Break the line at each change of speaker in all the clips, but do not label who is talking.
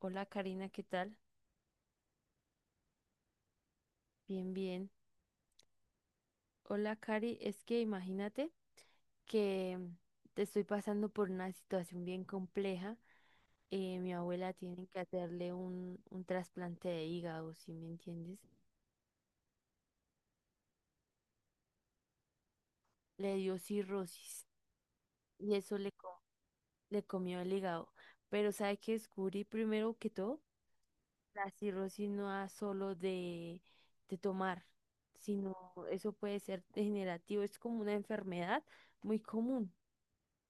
Hola Karina, ¿qué tal? Bien, bien. Hola Cari, es que imagínate que te estoy pasando por una situación bien compleja. Mi abuela tiene que hacerle un trasplante de hígado, si me entiendes. Le dio cirrosis y le comió el hígado. Pero ¿sabe qué descubrí primero que todo? La cirrosis no es solo de tomar, sino eso puede ser degenerativo. Es como una enfermedad muy común,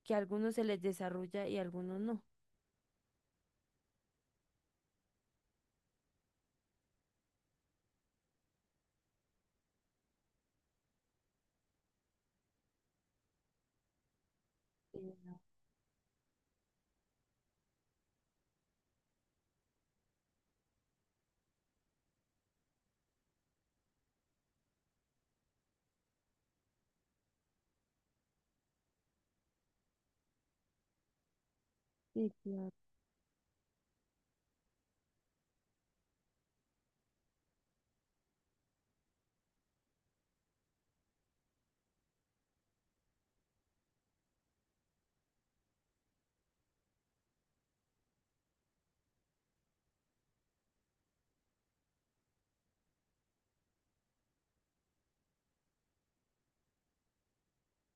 que a algunos se les desarrolla y a algunos no. Sí, sí, claro.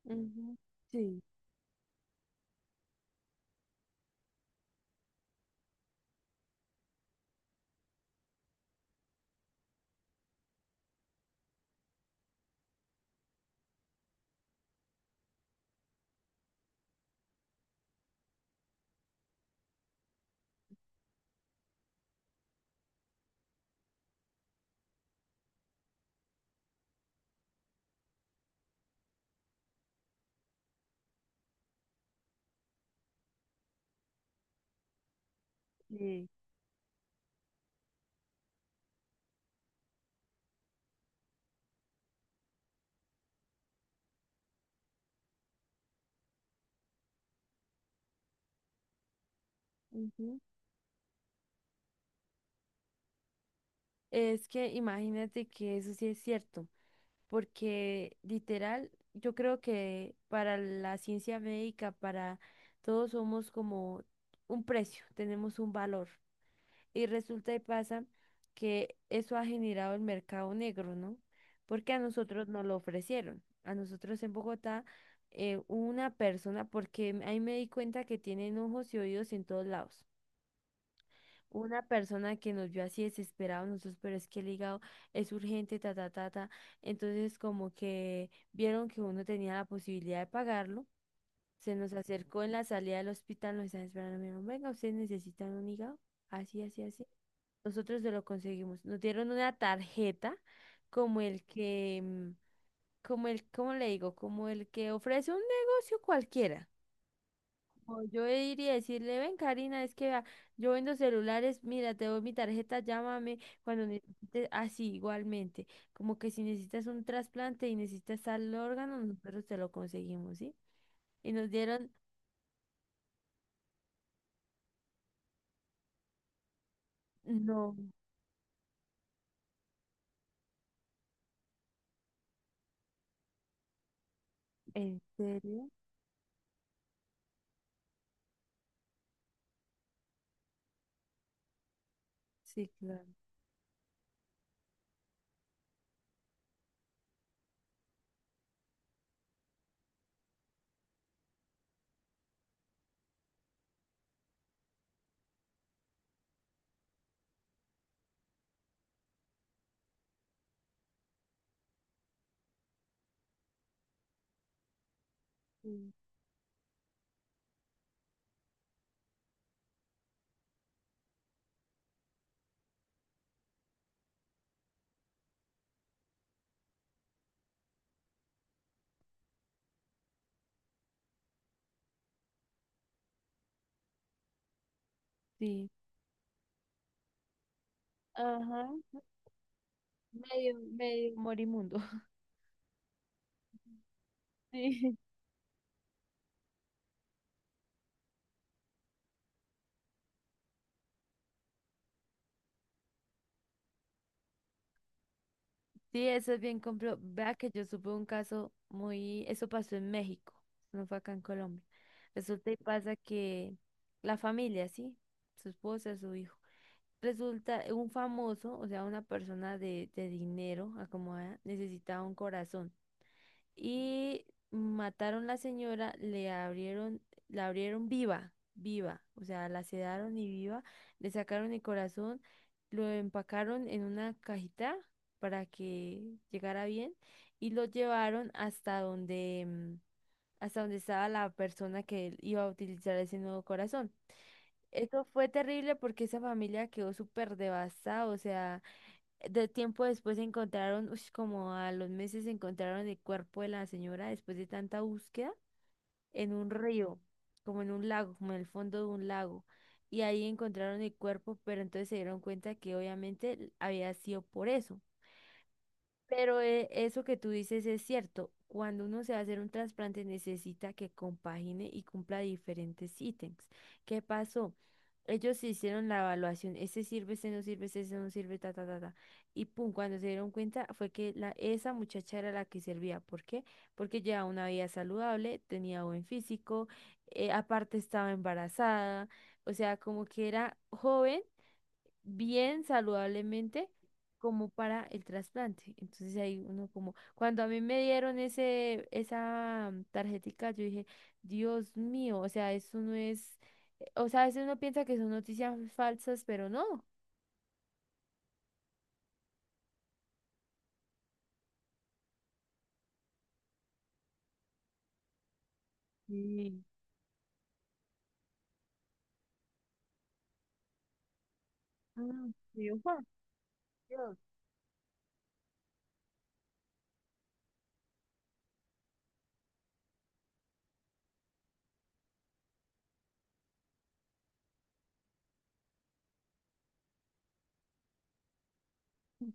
Ujú. Sí, sí. Ujú. Es que imagínate que eso sí es cierto, porque literal, yo creo que para la ciencia médica, para todos somos como un precio, tenemos un valor. Y resulta y pasa que eso ha generado el mercado negro, ¿no? Porque a nosotros nos lo ofrecieron. A nosotros en Bogotá, una persona, porque ahí me di cuenta que tienen ojos y oídos en todos lados. Una persona que nos vio así desesperados nosotros, pero es que el hígado es urgente, ta, ta, ta, ta. Entonces, como que vieron que uno tenía la posibilidad de pagarlo, se nos acercó en la salida del hospital, nos estaban esperando, me dijeron, venga, ustedes necesitan un hígado, así, así, así. Nosotros no lo conseguimos. Nos dieron una tarjeta como el que, mm, como el, ¿cómo le digo? Como el que ofrece un negocio cualquiera. O yo iría a decirle, ven Karina, es que vea, yo vendo celulares, mira, te doy mi tarjeta, llámame cuando necesites, así igualmente. Como que si necesitas un trasplante y necesitas tal órgano, nosotros te lo conseguimos, ¿sí? Y nos dieron, no, ¿en serio? Sí, claro. Sí. Sí. Ajá. Medio, medio morimundo. Sí. Sí, eso es bien compro. Vea que yo supe un caso muy, eso pasó en México, no fue acá en Colombia. Resulta y pasa que la familia, sí, su esposa, su hijo, resulta un famoso, o sea, una persona de dinero acomodada, necesitaba un corazón, y mataron la señora, le abrieron, la abrieron viva, viva, o sea, la sedaron y viva, le sacaron el corazón, lo empacaron en una cajita para que llegara bien y lo llevaron hasta hasta donde estaba la persona que iba a utilizar ese nuevo corazón. Eso fue terrible porque esa familia quedó súper devastada, o sea, de tiempo después encontraron, ush, como a los meses encontraron el cuerpo de la señora después de tanta búsqueda en un río, como en un lago, como en el fondo de un lago. Y ahí encontraron el cuerpo, pero entonces se dieron cuenta que obviamente había sido por eso. Pero eso que tú dices es cierto. Cuando uno se va a hacer un trasplante necesita que compagine y cumpla diferentes ítems. ¿Qué pasó? Ellos se hicieron la evaluación. Ese sirve, ese no sirve, ese no sirve, ta, ta, ta, ta. Y pum, cuando se dieron cuenta fue que esa muchacha era la que servía. ¿Por qué? Porque llevaba una vida saludable, tenía buen físico, aparte estaba embarazada, o sea, como que era joven bien saludablemente como para el trasplante. Entonces ahí uno como, cuando a mí me dieron tarjetica, yo dije, Dios mío, o sea, eso no es, o sea, a veces uno piensa que son noticias falsas, pero no. Sí. Ah, sí, ujú, Dios.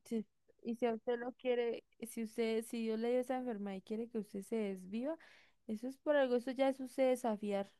Sí. Y si a usted lo quiere, si usted, si Dios le dio esa enfermedad y quiere que usted se desviva, eso es por algo, eso ya es usted desafiar.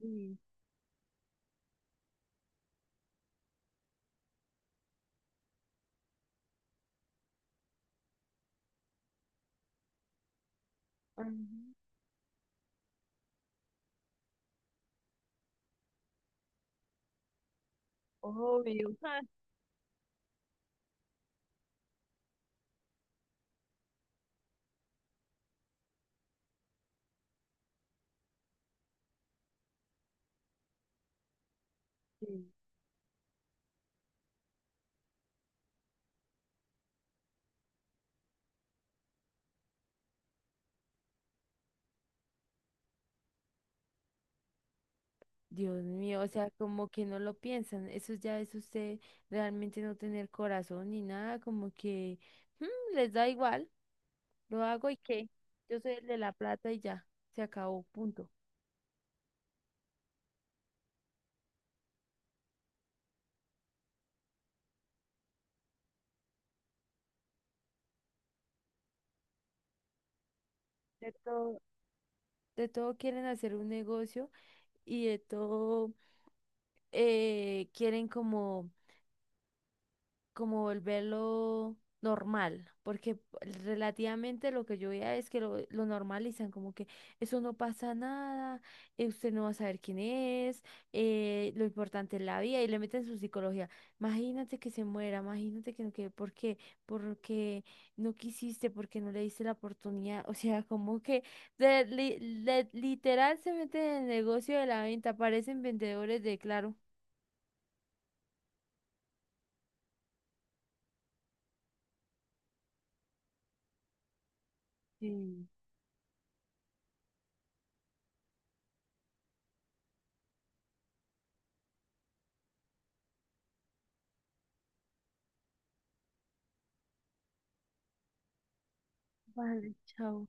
Sí. Ajá. Obvio. Ah, sí. Dios mío, o sea, como que no lo piensan, eso ya es usted realmente no tener corazón ni nada, como que "Mm, les da igual, lo hago y qué, yo soy el de la plata y ya, se acabó, punto". De todo, de todo quieren hacer un negocio y de todo quieren como como volverlo normal, porque relativamente lo que yo veía es que lo normalizan, como que eso no pasa nada, usted no va a saber quién es, lo importante es la vida y le meten su psicología. Imagínate que se muera, imagínate que no quede, ¿por qué? Porque no quisiste, porque no le diste la oportunidad, o sea, como que de- li- literal se meten en el negocio de la venta, parecen vendedores de Claro. Sí. Vale, chao.